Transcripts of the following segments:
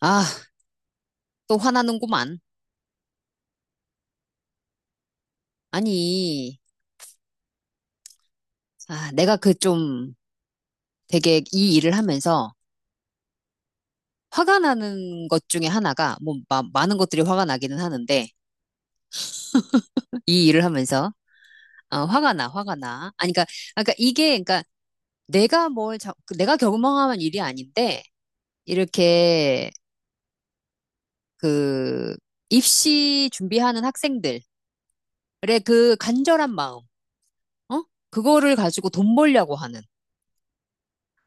아, 또 화나는구만. 아니, 내가 그 좀 되게 이 일을 하면서 화가 나는 것 중에 하나가, 뭐, 많은 것들이 화가 나기는 하는데, 이 일을 하면서, 화가 나, 화가 나. 아니, 그러니까 이게, 그러니까 내가 뭘, 자, 그 내가 경험한 일이 아닌데, 이렇게 그 입시 준비하는 학생들의 그 간절한 마음, 어? 그거를 가지고 돈 벌려고 하는.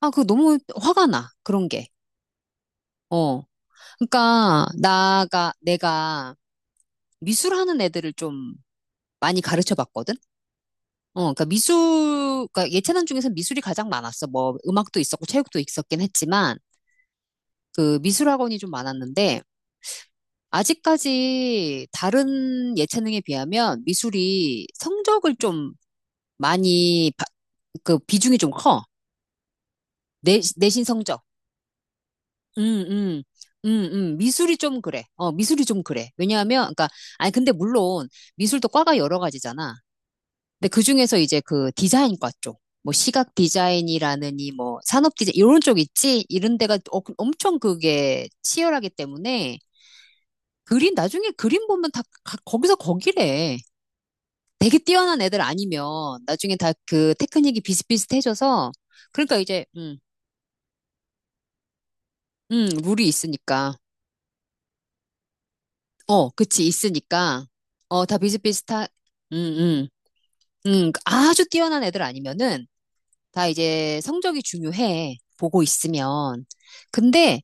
아, 그거 너무 화가 나, 그런 게. 어. 그러니까 나가 내가 미술하는 애들을 좀 많이 가르쳐 봤거든. 그러니까 미술, 그러니까 예체능 중에서 미술이 가장 많았어. 뭐 음악도 있었고 체육도 있었긴 했지만 그 미술 학원이 좀 많았는데 아직까지 다른 예체능에 비하면 미술이 성적을 좀 많이 그 비중이 좀 커. 내, 내신 성적. 음, 음. 미술이 좀 그래. 미술이 좀 그래. 왜냐하면, 그러니까, 아니, 근데 물론, 미술도 과가 여러 가지잖아. 근데 그 중에서 이제 그 디자인과 쪽, 뭐 시각 디자인이라느니 뭐 산업 디자인 이런 쪽 있지 이런 데가 그 엄청 그게 치열하기 때문에 그림 나중에 그림 보면 거기서 거기래. 되게 뛰어난 애들 아니면 나중에 다 그 테크닉이 비슷비슷해져서 그러니까 이제 룰이 있으니까 어, 그치 있으니까 어, 다 비슷비슷하 음, 아주 뛰어난 애들 아니면은 다 이제 성적이 중요해. 보고 있으면. 근데,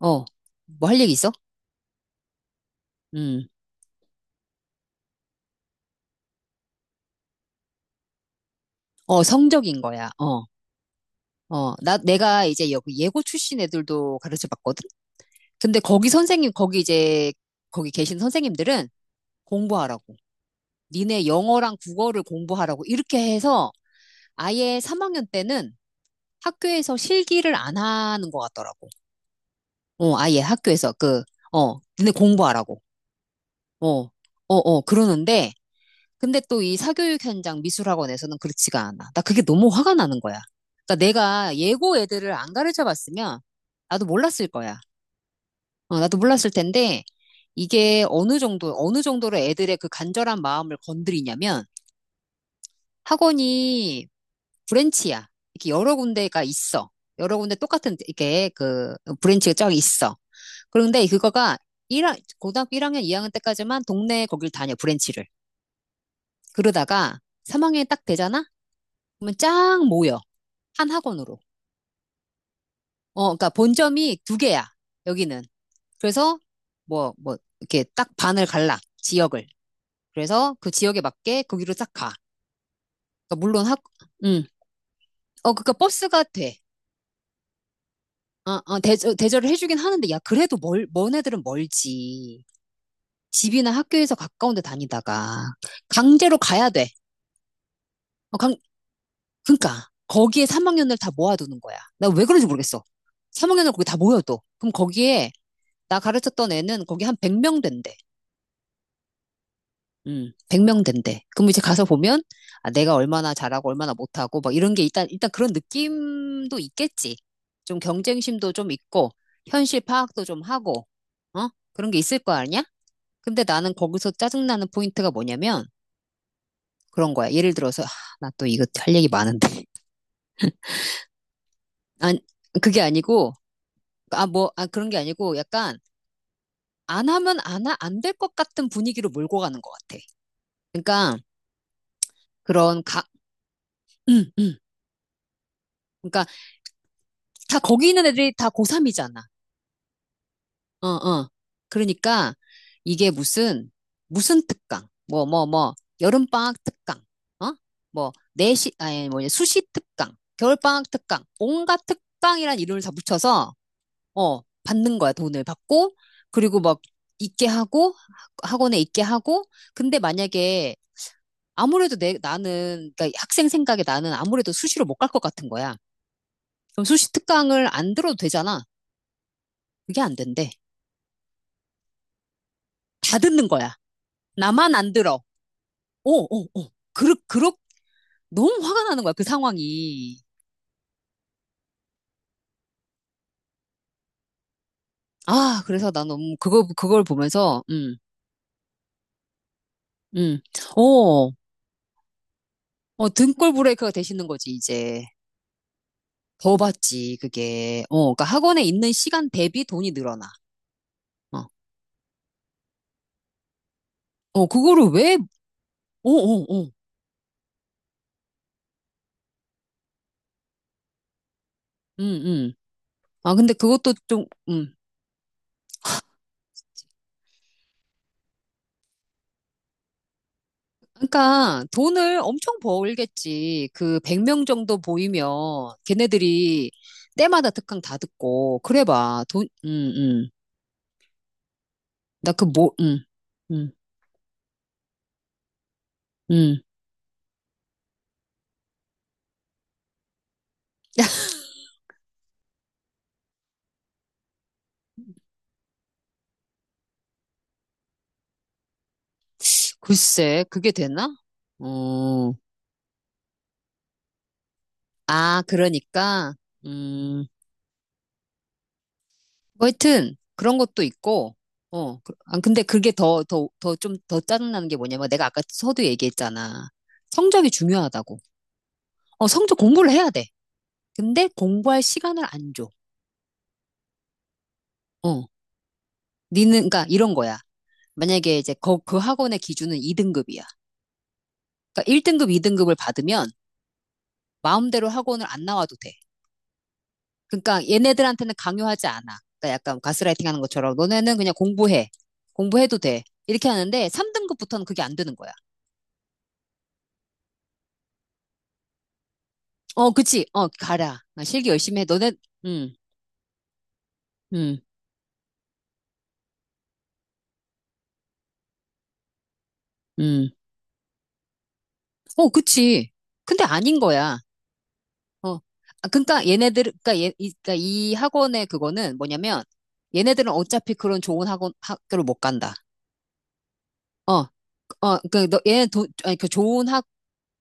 어, 뭐 할 얘기 있어? 음, 성적인 거야. 어, 내가 이제 여기 예고 출신 애들도 가르쳐 봤거든? 근데 거기 계신 선생님들은 공부하라고. 니네 영어랑 국어를 공부하라고. 이렇게 해서 아예 3학년 때는 학교에서 실기를 안 하는 것 같더라고. 아예 학교에서 니네 공부하라고. 어, 어, 그러는데, 근데 또 이 사교육 현장 미술학원에서는 그렇지가 않아. 나 그게 너무 화가 나는 거야. 그러니까 내가 예고 애들을 안 가르쳐 봤으면 나도 몰랐을 거야. 나도 몰랐을 텐데 이게 어느 정도, 어느 정도로 애들의 그 간절한 마음을 건드리냐면 학원이 브랜치야. 이렇게 여러 군데가 있어. 여러 군데 똑같은 이렇게 그 브랜치가 쫙 있어. 그런데 그거가 일학 고등학교 1학년, 2학년 때까지만 동네 거길 다녀, 브랜치를. 그러다가 3학년이 딱 되잖아? 그러면 쫙 모여. 한 학원으로. 어, 그러니까 본점이 두 개야. 여기는. 그래서 이렇게 딱 반을 갈라. 지역을. 그래서 그 지역에 맞게 거기로 딱 가. 그러니까 음. 그러니까 버스가 돼. 대절을 해주긴 하는데, 야, 그래도 먼 애들은 멀지. 집이나 학교에서 가까운 데 다니다가. 강제로 가야 돼. 어, 강, 그러니까. 거기에 3학년을 다 모아두는 거야. 나 왜 그런지 모르겠어. 3학년을 거기 다 모여 또. 그럼 거기에 나 가르쳤던 애는 거기 한 100명 된대. 100명 된대. 그럼 이제 가서 보면, 아, 내가 얼마나 잘하고 얼마나 못하고, 막 이런 게 일단 그런 느낌도 있겠지. 좀 경쟁심도 좀 있고, 현실 파악도 좀 하고, 어? 그런 게 있을 거 아니야? 근데 나는 거기서 짜증나는 포인트가 뭐냐면, 그런 거야. 예를 들어서, 아, 나또 이거 할 얘기 많은데. 아 그게 아니고, 그런 게 아니고, 약간, 안 하면 안, 안 될 것 같은 분위기로 몰고 가는 것 같아. 그러니까, 그런 가, 그러니까 다 거기 있는 애들이 다 고3이잖아. 어, 어. 그러니까 이게 무슨 특강? 여름방학 특강. 어? 뭐 내시 아니 뭐냐 수시 특강, 겨울방학 특강. 온갖 특강이란 이름을 다 붙여서 받는 거야. 돈을 받고 그리고 막 있게 하고 학원에 있게 하고 근데 만약에 아무래도 내 나는 그러니까 학생 생각에 나는 아무래도 수시로 못 갈 것 같은 거야. 그럼 수시 특강을 안 들어도 되잖아. 그게 안 된대. 다 듣는 거야. 나만 안 들어. 오, 오, 오. 너무 화가 나는 거야, 그 상황이. 그래서 나 너무, 그걸 보면서, 음. 어, 어, 등골 브레이크가 되시는 거지, 이제. 더 받지, 그게. 어, 그러니까 학원에 있는 시간 대비 돈이 늘어나. 어, 그거를 왜, 어, 어, 어. 음, 음. 아, 근데 그것도 좀, 그러니까 돈을 엄청 벌겠지. 그 100명 정도 보이면 걔네들이 때마다 특강 다 듣고 그래 봐. 돈 나 그 뭐 음. 음. 글쎄, 그게 되나? 어. 아, 그러니까 음. 뭐 하여튼 그런 것도 있고 어. 아, 근데 그게 더 짜증나는 게 뭐냐면 내가 아까 서두 얘기했잖아. 성적이 중요하다고. 어, 성적 공부를 해야 돼. 근데 공부할 시간을 안 줘. 어. 니는, 그러니까 이런 거야. 만약에 그 학원의 기준은 2등급이야. 그러니까 1등급, 2등급을 받으면 마음대로 학원을 안 나와도 돼. 그러니까 얘네들한테는 강요하지 않아. 그러니까 약간 가스라이팅 하는 것처럼 너네는 그냥 공부해. 공부해도 돼. 이렇게 하는데 3등급부터는 그게 안 되는 거야. 어, 그치. 어, 가라. 나 실기 열심히 해. 음, 음, 음. 어, 그치. 근데 아닌 거야. 어. 아, 그러니까 얘네들, 그러니까, 얘, 이, 그러니까 이 학원의 그거는 뭐냐면 얘네들은 어차피 그런 좋은 학원 학교를 못 간다. 어, 어, 그 너, 얘는 돈, 아니 그 좋은 학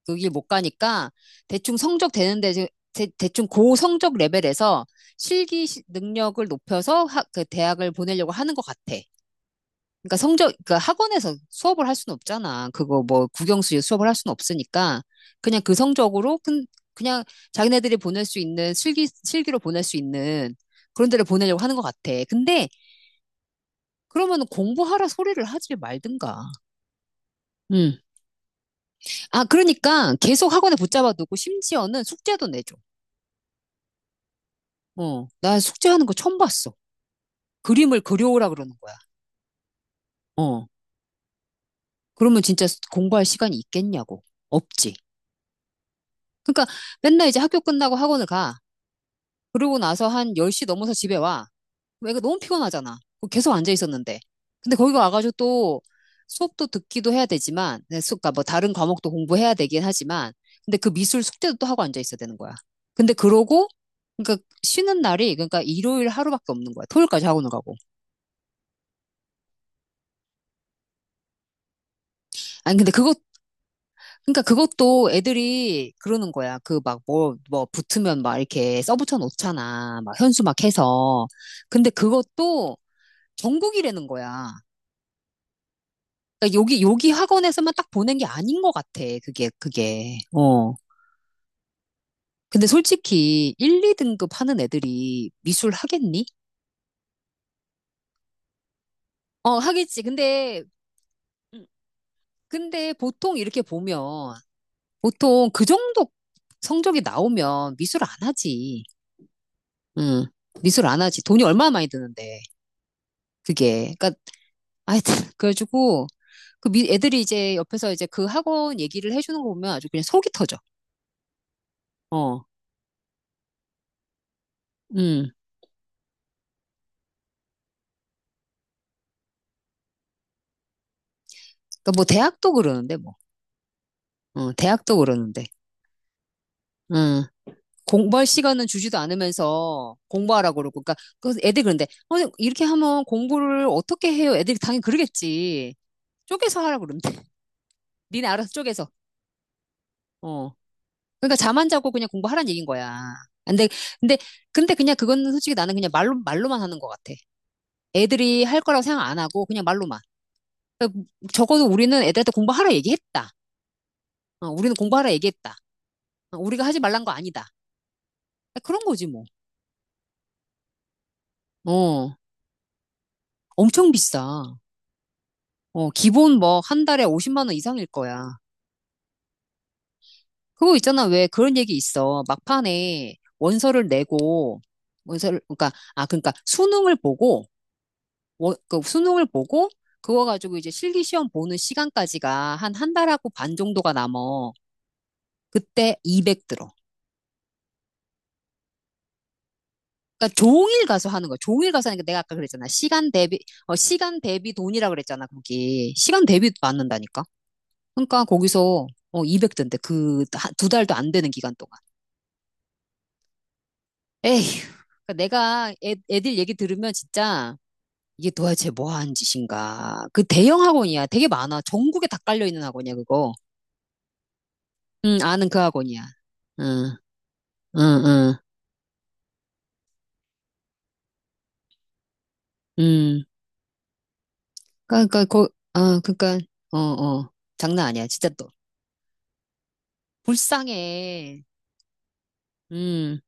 그길 못 가니까 대충 성적 되는데 대충 고 성적 레벨에서 능력을 높여서 그 대학을 보내려고 하는 것 같아. 그러니까 학원에서 수업을 할 수는 없잖아. 그거 뭐 국영수 수업을 할 수는 없으니까 그냥 그 성적으로 그, 그냥 자기네들이 보낼 수 있는 실기로 보낼 수 있는 그런 데를 보내려고 하는 것 같아. 근데 그러면 공부하라 소리를 하지 말든가. 음. 아 그러니까 계속 학원에 붙잡아두고 심지어는 숙제도 내줘. 어, 나 숙제하는 거 처음 봤어. 그림을 그려오라 그러는 거야. 어, 그러면 진짜 공부할 시간이 있겠냐고. 없지. 그러니까 맨날 이제 학교 끝나고 학원을 가. 그러고 나서 한 10시 넘어서 집에 와. 그럼 애가 너무 피곤하잖아. 그럼 계속 앉아 있었는데. 근데 거기 와가지고 또 수업도 듣기도 해야 되지만, 네, 수, 그러니까 뭐 다른 과목도 공부해야 되긴 하지만, 근데 그 미술 숙제도 또 하고 앉아 있어야 되는 거야. 근데 그러고, 그러니까 그러니까 일요일 하루밖에 없는 거야. 토요일까지 학원을 가고. 아니, 그러니까 그것도 애들이 그러는 거야. 그 막 뭐 붙으면 막 이렇게 써붙여 놓잖아. 막 현수 막 해서. 근데 그것도 전국이라는 거야. 그러니까 여기 학원에서만 딱 보낸 게 아닌 것 같아. 그게. 어. 근데 솔직히 1, 2등급 하는 애들이 미술 하겠니? 어, 하겠지. 근데, 음, 근데 보통 이렇게 보면, 보통 그 정도 성적이 나오면 미술 안 하지. 음 미술 안 하지. 돈이 얼마나 많이 드는데. 그게. 그러니까, 하여튼, 그래가지고, 애들이 이제 옆에서 이제 그 학원 얘기를 해주는 거 보면 아주 그냥 속이 터져. 어, 음. 그러니까 뭐 대학도 그러는데 뭐. 어, 대학도 그러는데. 음, 공부할 시간은 주지도 않으면서 공부하라고 그러고. 그러니까 그 애들 그런데 어, 이렇게 하면 공부를 어떻게 해요? 애들이 당연히 그러겠지. 쪼개서 하라고 그러는데. 니네 알아서 쪼개서. 어. 그러니까 잠 안 자고 그냥 공부하라는 얘기인 거야. 근데 근데 근데 그냥 그건 솔직히 나는 그냥 말로만 하는 것 같아. 애들이 할 거라고 생각 안 하고 그냥 말로만. 그러니까 적어도 우리는 애들한테 공부하라 얘기했다. 어, 우리는 공부하라 얘기했다. 어, 우리가 하지 말란 거 아니다. 그러니까 그런 거지 뭐. 어. 엄청 비싸. 어, 기본 뭐 한 달에 50만 원 이상일 거야. 그거 있잖아. 왜 그런 얘기 있어. 막판에 원서를 내고 원서를 그러니까 아 그러니까 수능을 보고 원, 그 수능을 보고 그거 가지고 이제 실기 시험 보는 시간까지가 한 한 달하고 반 정도가 남어. 그때 200 들어. 그러니까 종일 가서 하는 거야. 종일 가서 하니까 내가 아까 그랬잖아. 시간 대비 돈이라 그랬잖아. 거기. 시간 대비 받는다니까. 그러니까 거기서 어 200 든대. 그 두 달도 안 되는 기간 동안. 에휴, 그러니까 내가 애들 얘기 들으면 진짜 이게 도대체 뭐 하는 짓인가. 그 대형 학원이야. 되게 많아. 전국에 다 깔려 있는 학원이야, 그거. 응, 아는 그 학원이야. 응, 응, 응, 응. 그러니까 아, 그러니까 어, 어, 장난 아니야. 진짜 또 불쌍해. 음.